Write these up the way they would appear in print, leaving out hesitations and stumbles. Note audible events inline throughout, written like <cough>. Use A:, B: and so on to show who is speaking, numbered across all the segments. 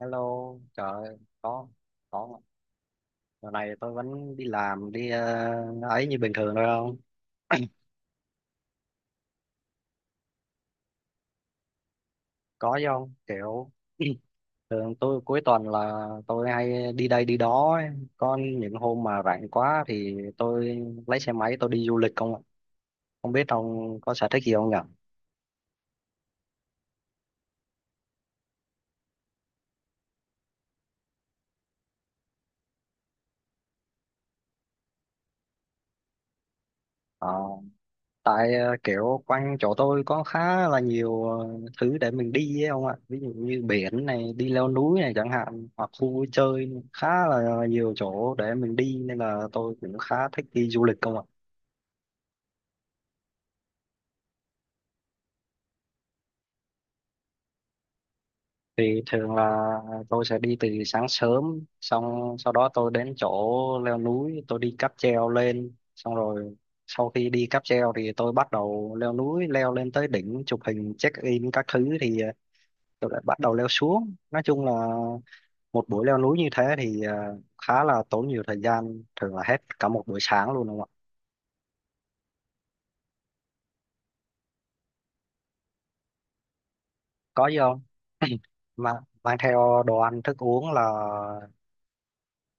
A: Hello, trời ơi, có mà. Giờ này tôi vẫn đi làm, đi ấy như bình thường thôi không? Có chứ không? Kiểu <clears throat> thường tôi cuối tuần là tôi hay đi đây đi đó ấy. Có những hôm mà rảnh quá thì tôi lấy xe máy tôi đi du lịch không ạ? Không biết ông có sở thích gì không nhỉ? Ờ. Tại kiểu quanh chỗ tôi có khá là nhiều thứ để mình đi ấy ông ạ, ví dụ như biển này, đi leo núi này chẳng hạn, hoặc khu vui chơi khá là nhiều chỗ để mình đi, nên là tôi cũng khá thích đi du lịch không ạ. Thì thường là tôi sẽ đi từ sáng sớm, xong sau đó tôi đến chỗ leo núi, tôi đi cáp treo lên, xong rồi sau khi đi cáp treo thì tôi bắt đầu leo núi, leo lên tới đỉnh chụp hình check in các thứ, thì tôi lại bắt đầu leo xuống. Nói chung là một buổi leo núi như thế thì khá là tốn nhiều thời gian, thường là hết cả một buổi sáng luôn, đúng không ạ? Có gì không mà, mang theo đồ ăn thức uống là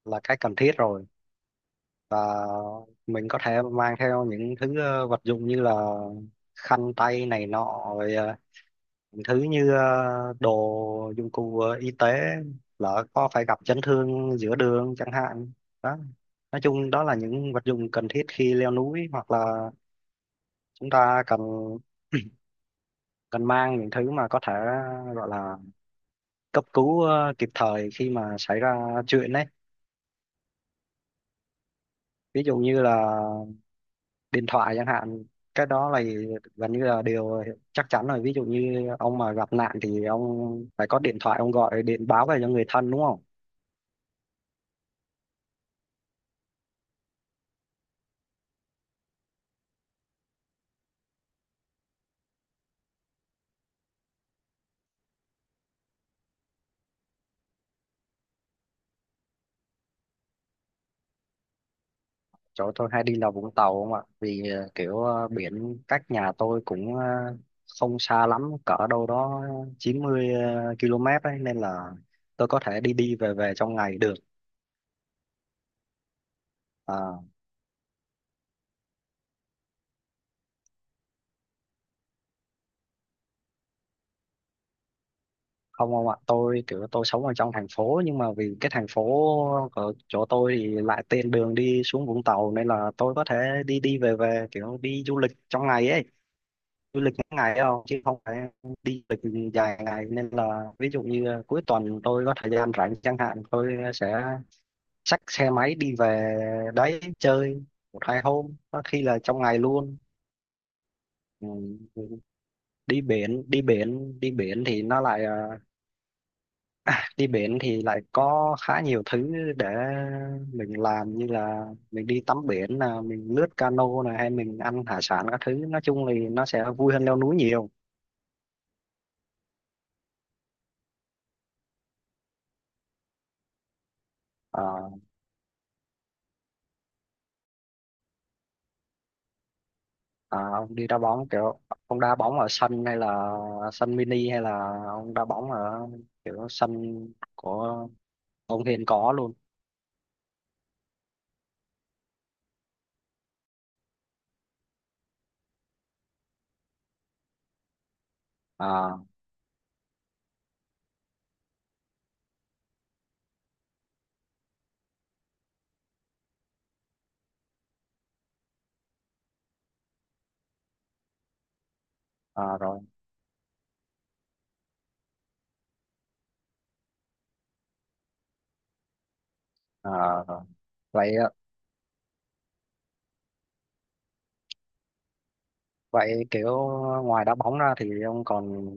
A: là cái cần thiết rồi, và mình có thể mang theo những thứ vật dụng như là khăn tay này nọ, rồi những thứ như đồ dụng cụ y tế, lỡ có phải gặp chấn thương giữa đường chẳng hạn đó. Nói chung đó là những vật dụng cần thiết khi leo núi, hoặc là chúng ta cần <clears throat> cần mang những thứ mà có thể gọi là cấp cứu kịp thời khi mà xảy ra chuyện đấy. Ví dụ như là điện thoại chẳng hạn, cái đó là gần như là điều chắc chắn rồi. Ví dụ như ông mà gặp nạn thì ông phải có điện thoại, ông gọi điện báo về cho người thân, đúng không? Chỗ tôi hay đi là Vũng Tàu không ạ, vì kiểu biển cách nhà tôi cũng không xa lắm, cỡ đâu đó 90 km ấy, nên là tôi có thể đi đi về về trong ngày được. À, không không ạ, tôi kiểu tôi sống ở trong thành phố, nhưng mà vì cái thành phố ở chỗ tôi thì lại tiện đường đi xuống Vũng Tàu, nên là tôi có thể đi đi về về kiểu đi du lịch trong ngày ấy. Du lịch ngắn ngày đâu chứ không phải đi du lịch dài ngày, nên là ví dụ như cuối tuần tôi có thời gian rảnh chẳng hạn, tôi sẽ xách xe máy đi về đấy chơi một hai hôm, có khi là trong ngày luôn. Ừ, đi biển, đi biển đi biển thì nó lại đi biển thì lại có khá nhiều thứ để mình làm, như là mình đi tắm biển, là mình lướt cano này, hay mình ăn hải sản các thứ, nói chung thì nó sẽ vui hơn leo núi nhiều. Ờ, ông đi đá bóng kiểu, ông đá bóng ở sân hay là sân mini, hay là ông đá bóng ở kiểu sân của ông Hiền có luôn? À, à rồi, à, rồi, vậy. Vậy kiểu ngoài đá bóng ra thì ông còn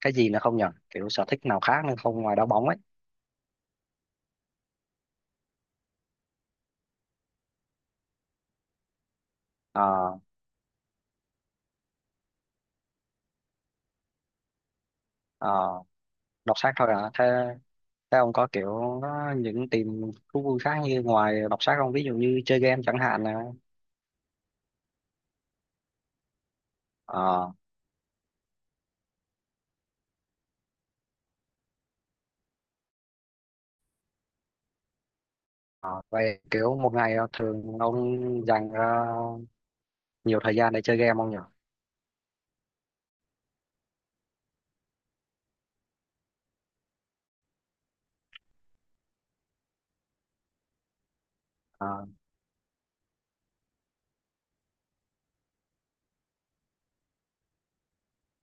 A: cái gì nữa không nhỉ, kiểu sở thích nào khác nữa không, ngoài đá bóng ấy? Ờ ờ, đọc sách thôi à? Thế thế ông có kiểu có những tìm thú vui khác như ngoài đọc sách không, ví dụ như chơi game chẳng hạn à? Ờ ờ, vậy kiểu một ngày thường ông dành ra nhiều thời gian để chơi game không nhỉ?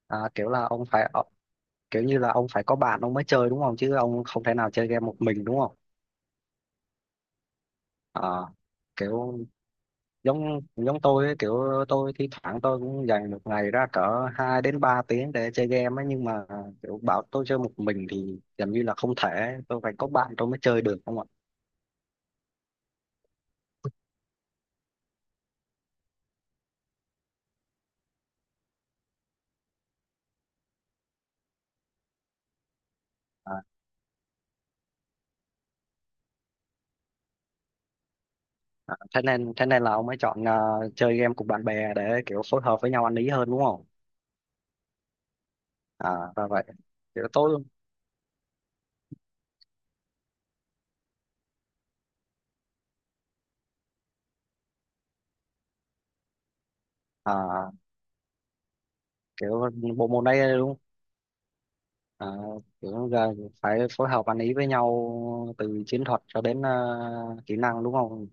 A: Kiểu là ông phải kiểu như là ông phải có bạn ông mới chơi, đúng không, chứ ông không thể nào chơi game một mình, đúng không? Ờ, kiểu giống giống tôi ấy, kiểu tôi thi thoảng tôi cũng dành một ngày ra cỡ 2 đến 3 tiếng để chơi game ấy, nhưng mà kiểu bảo tôi chơi một mình thì gần như là không thể, tôi phải có bạn tôi mới chơi được không ạ. à, thế nên là ông ấy chọn, chơi game cùng bạn bè để kiểu phối hợp với nhau ăn ý hơn, đúng không? à và vậy kiểu tôi, à, kiểu bộ môn này đúng, à, kiểu giờ phải phối hợp ăn ý với nhau từ chiến thuật cho đến kỹ năng, đúng không?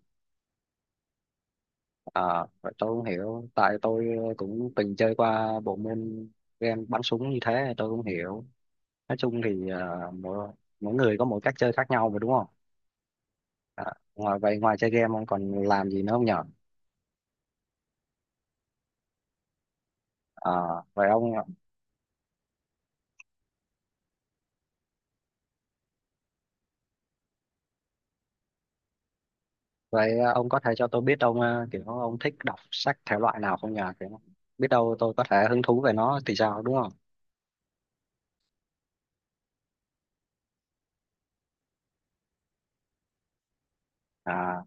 A: À, vậy tôi không hiểu, tại tôi cũng từng chơi qua bộ môn game bắn súng như thế, tôi không hiểu. Nói chung thì mỗi, mỗi người có mỗi cách chơi khác nhau mà, đúng không? À, ngoài vậy ngoài chơi game ông còn làm gì nữa không nhở? à, vậy ông vậy ông có thể cho tôi biết ông, kiểu ông thích đọc sách thể loại nào không nhờ, kiểu biết đâu tôi có thể hứng thú về nó thì sao, đúng không? à,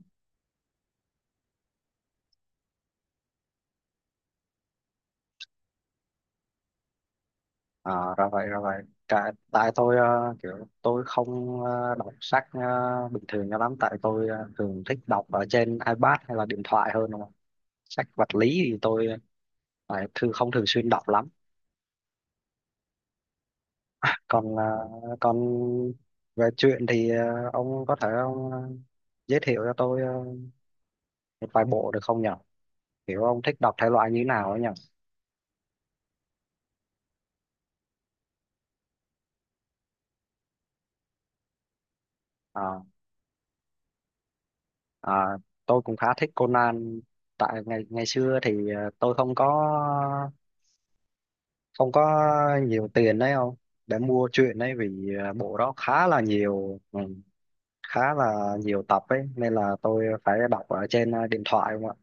A: À, ra vậy ra vậy, tại tôi kiểu tôi không đọc sách bình thường cho lắm, tại tôi thường thích đọc ở trên iPad hay là điện thoại hơn, đúng không? Sách vật lý thì tôi lại thường không thường xuyên đọc lắm. Còn ờ, còn về truyện thì ông có thể ông giới thiệu cho tôi một vài bộ được không nhỉ, kiểu ông thích đọc thể loại như nào ấy nhỉ? À, à, tôi cũng khá thích Conan. Tại ngày ngày xưa thì tôi không có, ông có nhiều tiền đấy không để mua truyện đấy, vì bộ đó khá là nhiều, ừ, khá là nhiều tập ấy, nên là tôi phải đọc ở trên điện thoại không ạ.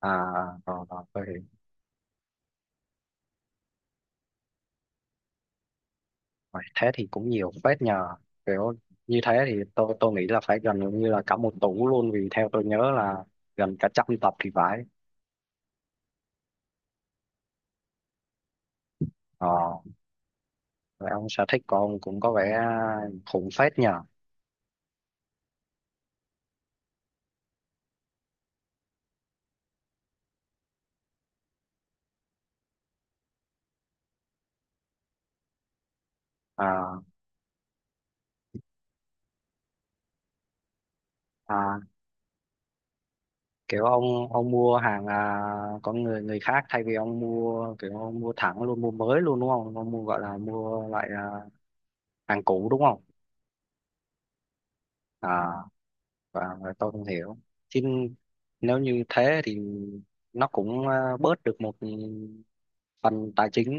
A: À, rồi, rồi, vậy vậy thế thì cũng nhiều phết nhờ. Kiểu như thế thì tôi nghĩ là phải gần như là cả một tủ luôn, vì theo tôi nhớ là gần cả trăm tập thì phải. Ờ vậy ông, sở thích của ông cũng có vẻ khủng phết nhờ. À, à kiểu ông mua hàng, con người người khác, thay vì ông mua thẳng luôn, mua mới luôn đúng không, ông mua gọi là mua loại, hàng cũ đúng không? à và tôi không hiểu chứ, nếu như thế thì nó cũng bớt được một phần tài chính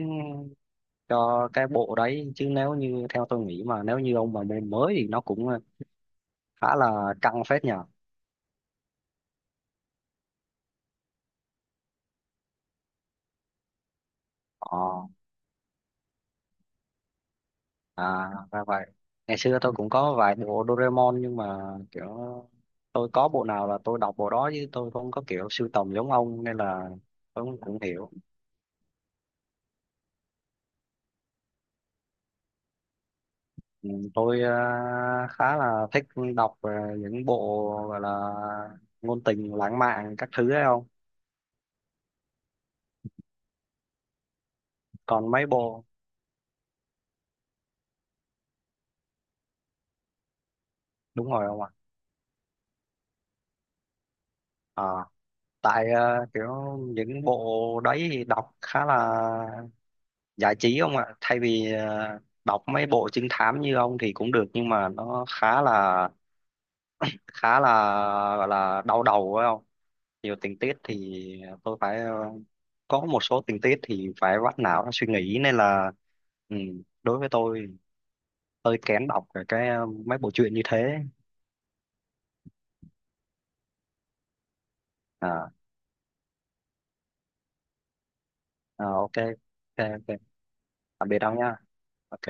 A: cho cái bộ đấy, chứ nếu như theo tôi nghĩ mà nếu như ông mà mua mới thì nó cũng khá là căng phết nhờ. Ờ À, ra vậy. Ngày xưa tôi cũng có vài bộ Doraemon, nhưng mà kiểu tôi có bộ nào là tôi đọc bộ đó, chứ tôi không có kiểu sưu tầm giống ông, nên là tôi cũng cũng hiểu. Ừ, tôi khá là thích đọc những bộ gọi là ngôn tình lãng mạn các thứ ấy không? Còn mấy bộ, đúng rồi không ạ? ờ tại kiểu những bộ đấy thì đọc khá là giải trí không ạ, thay vì đọc mấy bộ trinh thám như ông thì cũng được, nhưng mà nó khá là gọi là đau đầu phải không, nhiều tình tiết thì tôi phải có một số tình tiết thì phải vắt não ra suy nghĩ, nên là ừ, đối với tôi hơi kén đọc mấy bộ truyện như thế. À, à ok, ok, ok, tạm biệt ông nha, ok.